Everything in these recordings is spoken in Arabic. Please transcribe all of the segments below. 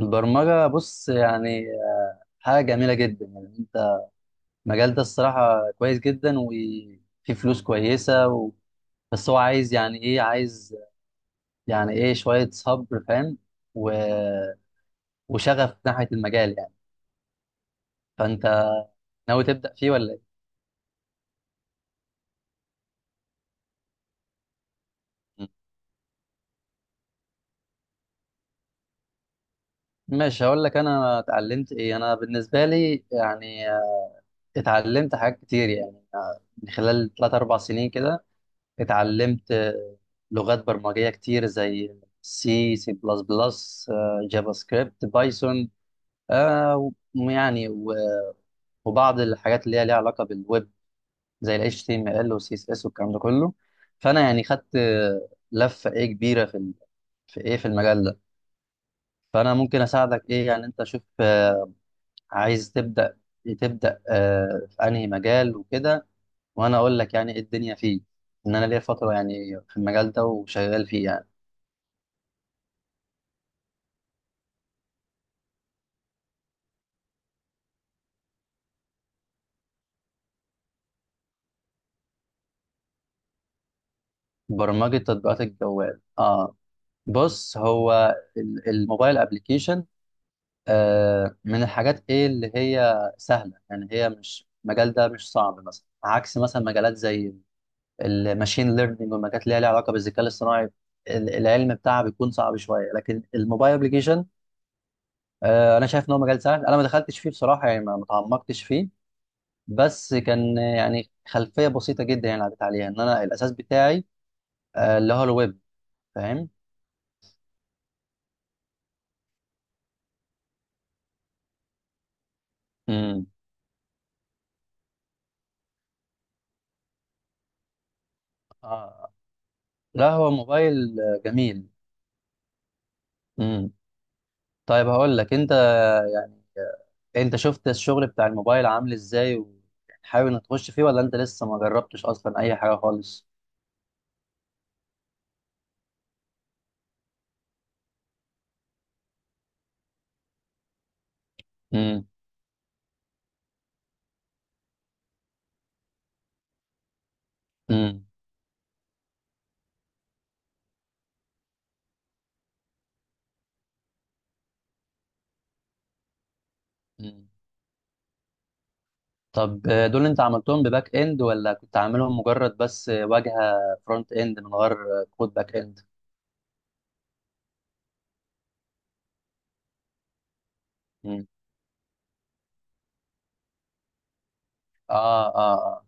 البرمجة، بص يعني حاجة جميلة جدا. يعني انت، المجال ده الصراحة كويس جدا وفيه فلوس كويسة بس هو عايز، يعني ايه، شوية صبر، فاهم؟ و... وشغف ناحية المجال يعني. فانت ناوي تبدأ فيه ولا ايه؟ مم. ماشي، هقول لك انا اتعلمت ايه. انا بالنسبة لي يعني اتعلمت حاجات كتير يعني من خلال 3 4 سنين كده. اتعلمت لغات برمجية كتير زي سي سي بلس بلس، جافا سكريبت، بايثون، آه، ويعني و- وبعض الحاجات اللي هي ليها علاقة بالويب زي ال HTML وال CSS والكلام ده كله. فأنا يعني خدت لفة إيه كبيرة في ال- في إيه في المجال ده. فأنا ممكن أساعدك. إيه يعني؟ أنت شوف، عايز تبدأ في أنهي مجال وكده، وأنا أقول لك يعني إيه الدنيا فيه. إن أنا ليا فترة يعني في المجال ده وشغال فيه يعني. برمجة تطبيقات الجوال، اه. بص، هو الموبايل ابلكيشن من الحاجات، ايه، اللي هي سهلة. يعني هي مش، المجال ده مش صعب مثلا، عكس مثلا مجالات زي الماشين ليرنينج والمجالات اللي هي ليها علاقة بالذكاء الاصطناعي. العلم بتاعها بيكون صعب شوية. لكن الموبايل ابلكيشن انا شايف ان هو مجال سهل. انا ما دخلتش فيه بصراحة يعني ما تعمقتش فيه. بس كان، يعني خلفية بسيطة جدا يعني عدت عليها ان انا الاساس بتاعي اللي هو الويب. فاهم؟ امم، اه، لا، هو موبايل. جميل. امم طيب هقول لك، انت يعني انت شفت الشغل بتاع الموبايل عامل ازاي، وحابب انك تخش فيه ولا انت لسه ما جربتش اصلا اي حاجه خالص؟ امم، امم، امم. طب دول انت عملتهم بباك اند ولا كنت عاملهم مجرد بس واجهه فرونت اند من غير كود باك اند؟ امم، اه، اه، اه.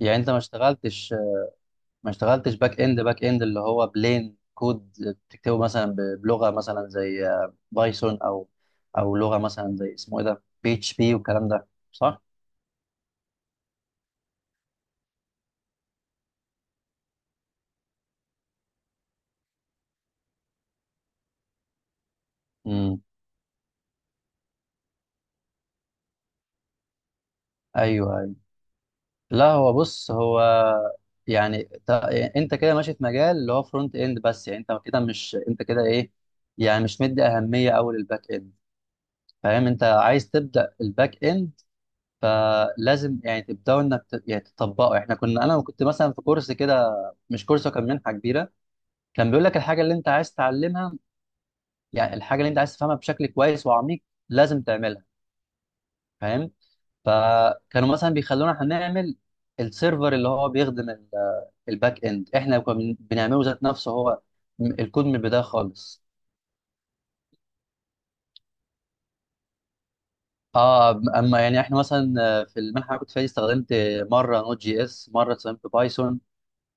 يعني انت ما اشتغلتش باك اند، باك اند اللي هو بلين كود بتكتبه مثلا بلغه مثلا زي بايثون، او لغه مثلا زي اسمه ايه ده، بي اتش بي والكلام ده، صح؟ امم، ايوه، ايوه. لا، هو بص، هو يعني انت كده ماشي في مجال اللي هو فرونت اند بس. يعني انت كده مش، انت كده ايه، يعني مش مدي اهميه قوي للباك اند. فاهم؟ انت عايز تبدا الباك اند. فلازم يعني تبداوا انك يعني تطبقه. احنا كنا انا كنت مثلا في كورس كده. مش كورس، هو كان منحه كبيره. كان بيقول لك الحاجه اللي انت عايز تتعلمها. يعني الحاجه اللي انت عايز تفهمها بشكل كويس وعميق، لازم تعملها. فاهم؟ فكانوا مثلا بيخلونا احنا نعمل السيرفر اللي هو بيخدم الباك اند. احنا كنا بنعمله ذات نفسه هو، الكود من البدايه خالص. اه. اما يعني احنا مثلا، في المنحه اللي كنت فيها دي، استخدمت مره نوت جي اس، مره استخدمت بايثون،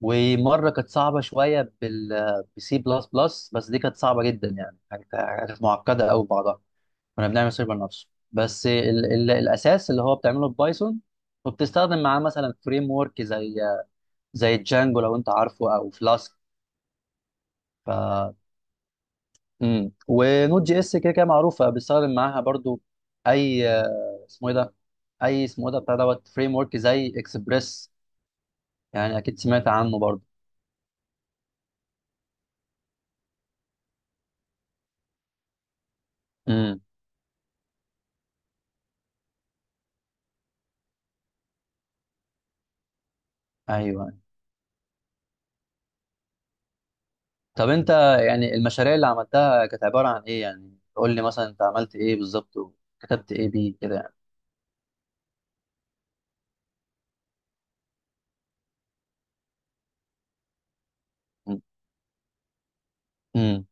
ومره كانت صعبه شويه بسي بلس بلس. بس دي كانت صعبه جدا يعني، كانت معقده قوي بعضها. كنا بنعمل سيرفر نفسه. بس ال ال الاساس اللي هو بتعمله ببايثون، وبتستخدم معاه مثلا فريم ورك زي جانجو لو انت عارفه، او فلاسك. ف ونود جي اس كده كده معروفه بيستخدم معاها برضو. اي، اسمه ايه ده، بتاع دوت فريم ورك زي اكسبريس، يعني اكيد سمعت عنه برضو. امم، ايوه. طب انت يعني المشاريع اللي عملتها كانت عباره عن ايه؟ يعني قول لي مثلا انت عملت ايه بالظبط وكتبت ايه بيه كده يعني. امم،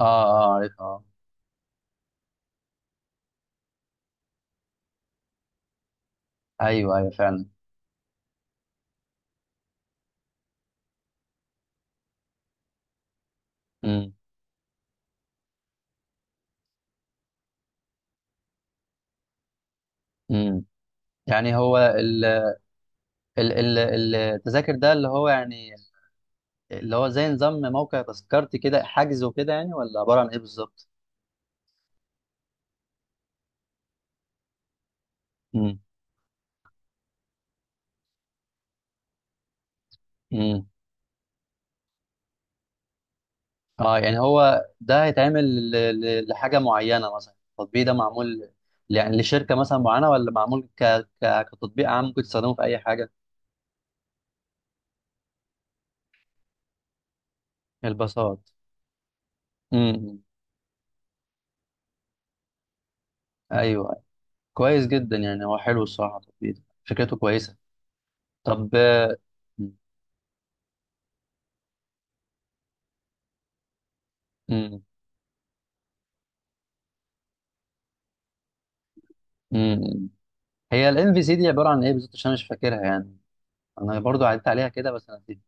اه، اه، عارف. آه. ايوه، ايوه، فعلا. امم، امم. يعني هو ال ال ال التذاكر ده، اللي هو يعني اللي هو زي نظام موقع تذكرتي كده، حجز وكده يعني، ولا عباره عن ايه بالظبط؟ امم، امم، اه. يعني هو ده هيتعمل لحاجه معينه، مثلا التطبيق ده معمول يعني لشركه مثلا معينه، ولا معمول ك ك كتطبيق عام ممكن تستخدمه في اي حاجه؟ الباصات. امم، ايوه. كويس جدا يعني، هو حلو الصراحه، التطبيق ده فكرته كويسه. طب، امم امم هي الام في سي دي عباره عن ايه بالظبط؟ عشان انا مش فاكرها يعني، انا برضو عدت عليها كده بس انا نسيت.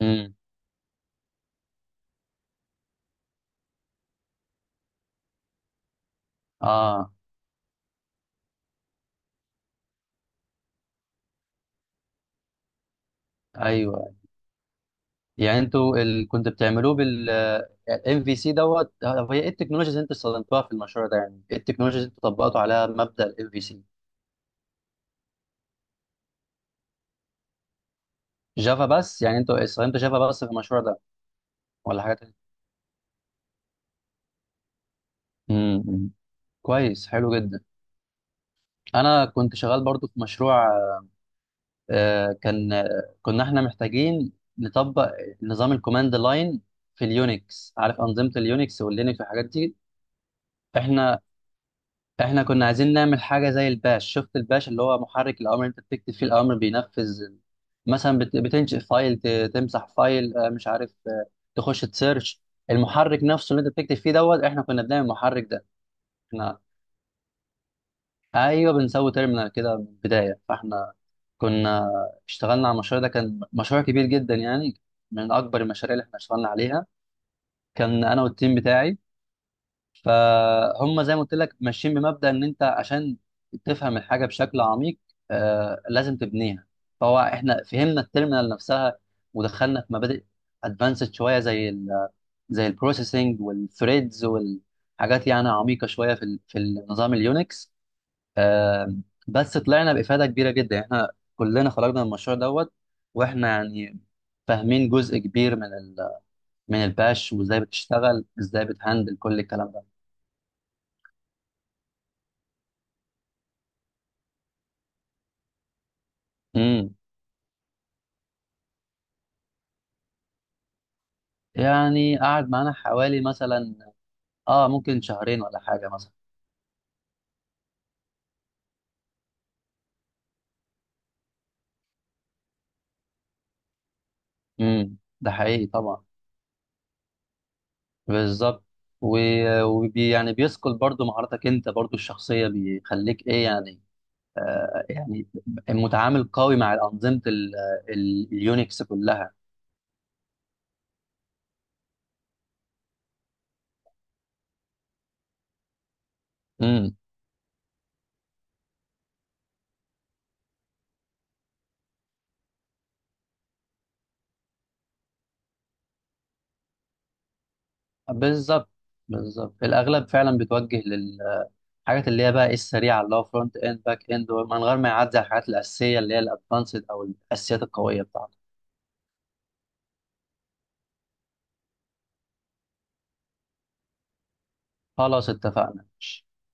امم، اه، ايوه. يعني انتوا كنت بتعملوه بال ام في سي دوت. طب هي ايه التكنولوجيز اللي انتوا استخدمتوها في المشروع ده؟ يعني ايه التكنولوجيز اللي انتوا طبقتوا عليها مبدأ الام في سي؟ جافا بس؟ يعني انتوا استخدمتوا جافا بس في المشروع ده ولا حاجات تانية؟ امم. كويس، حلو جدا. انا كنت شغال برضو في مشروع، آه، كان آه، كنا احنا محتاجين نطبق نظام الكوماند لاين في اليونكس، عارف أنظمة اليونكس واللينكس والحاجات دي؟ احنا احنا كنا عايزين نعمل حاجة زي الباش. شفت الباش؟ اللي هو محرك الأمر، انت بتكتب فيه الأمر بينفذ، مثلا بتنشئ فايل، تمسح فايل، مش عارف، تخش تسيرش. المحرك نفسه اللي انت بتكتب فيه دوت، احنا كنا بنعمل المحرك ده. ايوه، بنسوي تيرمينال كده من البدايه. فاحنا كنا اشتغلنا على المشروع ده، كان مشروع كبير جدا يعني، من اكبر المشاريع اللي احنا اشتغلنا عليها. كان انا والتيم بتاعي، فهم زي ما قلت لك ماشيين بمبدأ ان انت عشان تفهم الحاجه بشكل عميق لازم تبنيها. فهو احنا فهمنا التيرمينال نفسها، ودخلنا في مبادئ ادفانسد شويه زي البروسيسنج والثريدز والحاجات، يعني عميقه شويه في النظام اليونكس. آم، بس طلعنا بإفادة كبيرة جدا يعني، احنا كلنا خرجنا من المشروع دوت. واحنا يعني فاهمين جزء كبير من ال من الباش وازاي بتشتغل، ازاي بتهندل كل الكلام ده. امم. يعني قعد معانا حوالي، مثلا، اه ممكن شهرين ولا حاجة مثلا. امم، ده حقيقي طبعا. بالظبط. و- وبي يعني بيثقل برضو مهاراتك انت برضو الشخصية، بيخليك ايه يعني يعني متعامل قوي مع أنظمة اليونكس كلها. بالظبط، بالظبط. الاغلب فعلا بيتوجه للحاجات اللي هي بقى ايه السريعه اللي هو فرونت اند، باك اند، من غير ما يعدي على الحاجات الاساسيه اللي هي الادفانسد او الاساسيات القويه بتاعته. خلاص، اتفقنا.